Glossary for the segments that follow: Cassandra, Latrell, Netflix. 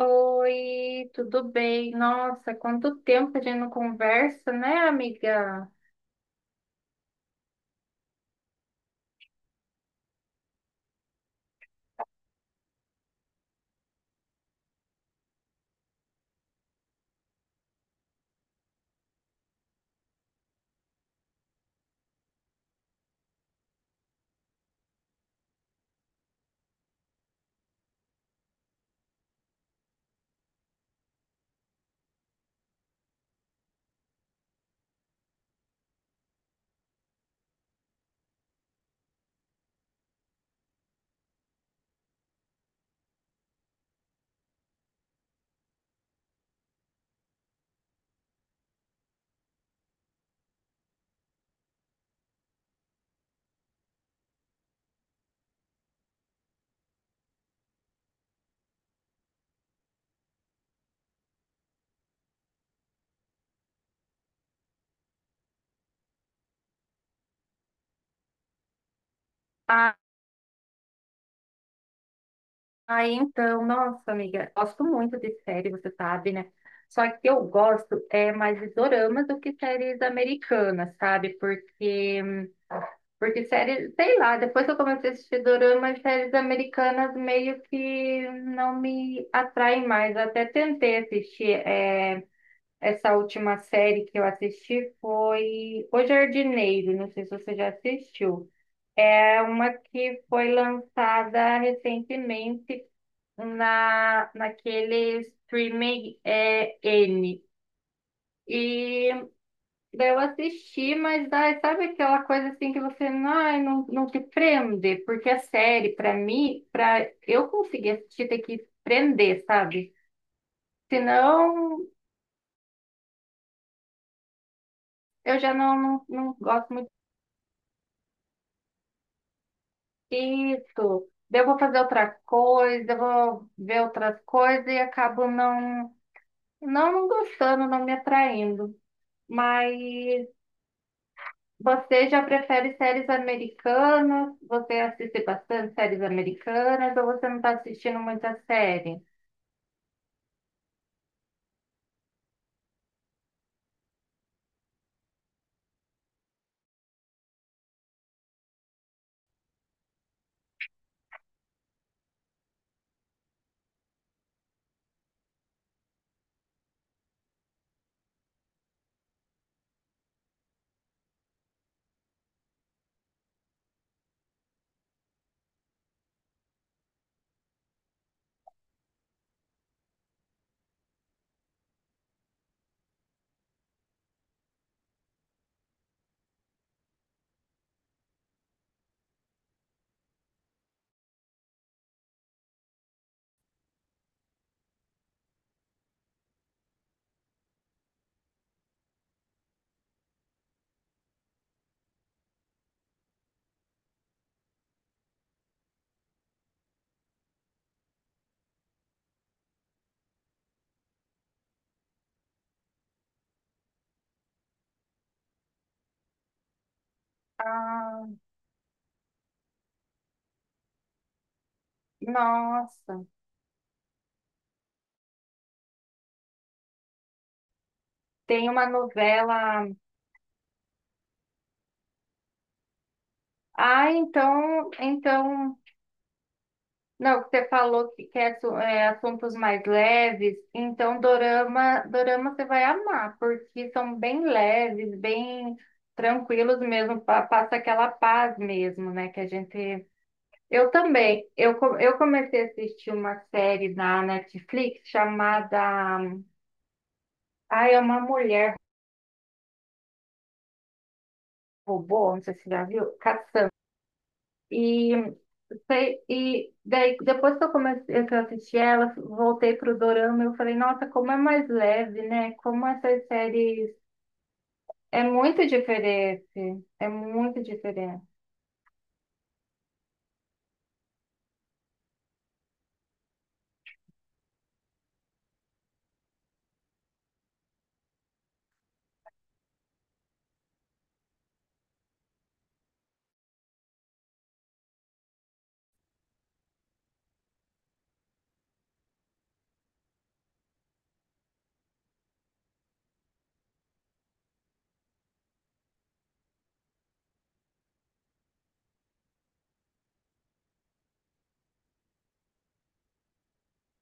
Oi, tudo bem? Nossa, quanto tempo que a gente não conversa, né, amiga? Ah, então, nossa, amiga, gosto muito de série, você sabe, né? Só que eu gosto é mais de doramas do que séries americanas, sabe? Porque séries, sei lá, depois que eu comecei a assistir doramas, séries americanas meio que não me atraem mais. Eu até tentei assistir. Essa última série que eu assisti foi O Jardineiro, não sei se você já assistiu. É uma que foi lançada recentemente naquele streaming N. E daí eu assisti, mas daí, sabe aquela coisa assim que você ai, não te prende? Porque a série, para mim, para eu conseguir assistir, tem que prender, sabe? Senão, eu já não gosto muito. Isso. Daí eu vou fazer outra coisa, eu vou ver outras coisas e acabo não gostando, não me atraindo. Mas você já prefere séries americanas? Você assiste bastante séries americanas ou você não está assistindo muita série? Ah, nossa. Tem uma novela. Então, Não, você falou que quer assuntos mais leves, então dorama você vai amar, porque são bem leves, bem tranquilos mesmo, passa aquela paz mesmo, né, que a gente... Eu também, eu comecei a assistir uma série na Netflix chamada... Ah, é uma mulher robô, não sei se você já viu, Cassandra. E sei, e daí, depois que eu comecei, que eu assisti ela, voltei pro Dorama, eu falei, nossa, como é mais leve, né? Como essas séries é muito diferente, é muito diferente.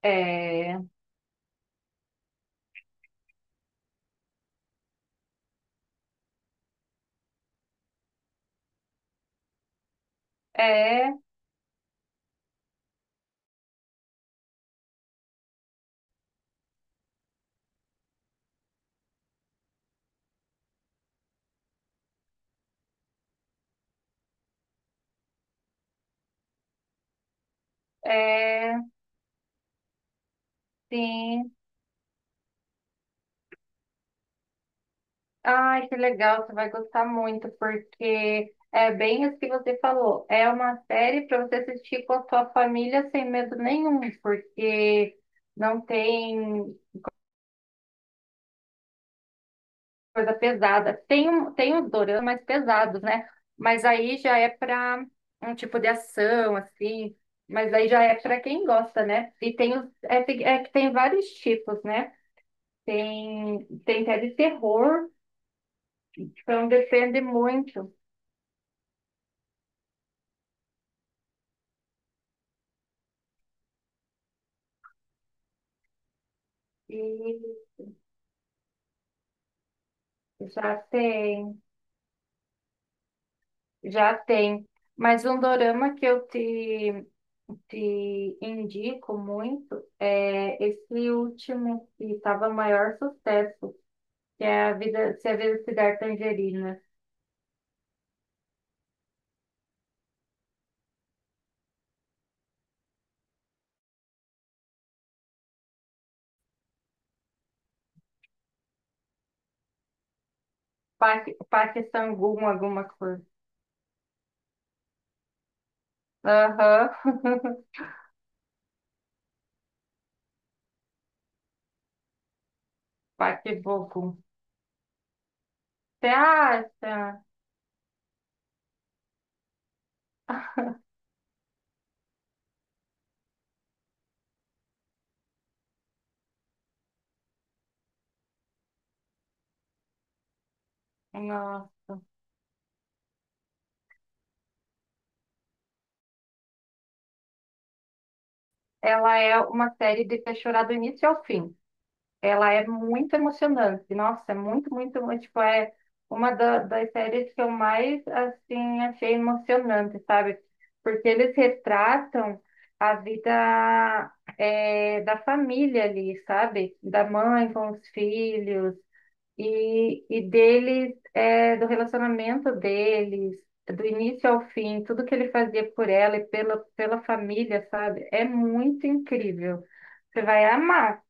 É, é, é, sim. Ai, que legal, você vai gostar muito, porque é bem isso que você falou. É uma série para você assistir com a sua família sem medo nenhum, porque não tem coisa pesada. Tem, tem uns doramas mais pesados, né? Mas aí já é para um tipo de ação, assim. Mas aí já é para quem gosta, né? E tem os é que tem vários tipos, né? Tem até de terror, então depende muito. E já tem, já tem. Mas um dorama que eu te indico muito é esse último, que estava maior sucesso, que é a vida se der tangerina. Paque sangum, alguma coisa. Aham. Paque bogum. Você acha? Nossa. Ela é uma série de fechura do início ao fim. Ela é muito emocionante. Nossa, é muito, muito, muito, tipo, é uma das séries que eu mais, assim, achei emocionante, sabe? Porque eles retratam a vida da família ali, sabe? Da mãe com os filhos e deles, do relacionamento deles, do início ao fim, tudo que ele fazia por ela e pela família, sabe? É muito incrível. Você vai amar.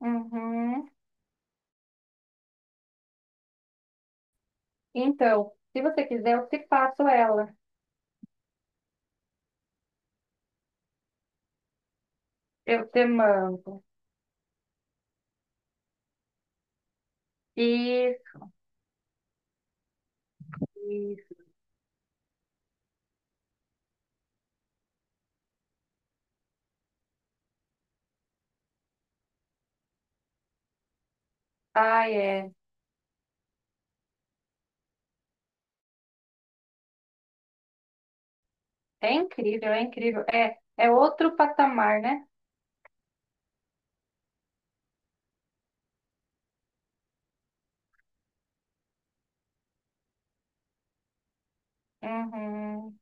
Uhum. Então, se você quiser, eu te faço ela. Eu te mando. Isso, isso. Ai, é. É incrível, é incrível. É, é outro patamar, né? Uhum.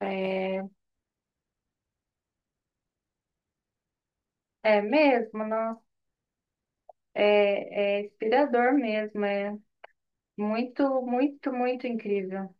É, é mesmo, nossa. É, é inspirador mesmo. É muito, muito, muito incrível.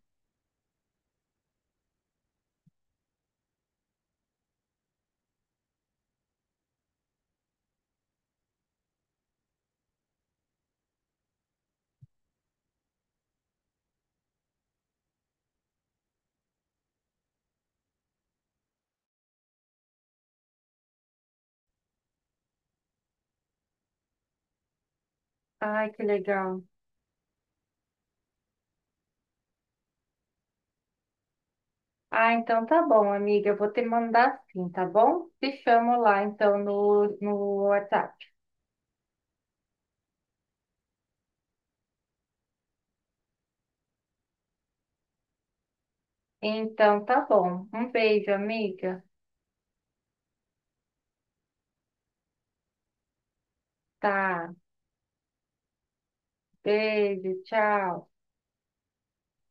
Ai, que legal. Ah, então tá bom, amiga. Eu vou te mandar sim, tá bom? Te chamo lá, então, no WhatsApp. Então tá bom. Um beijo, amiga. Tá. Beijo, tchau.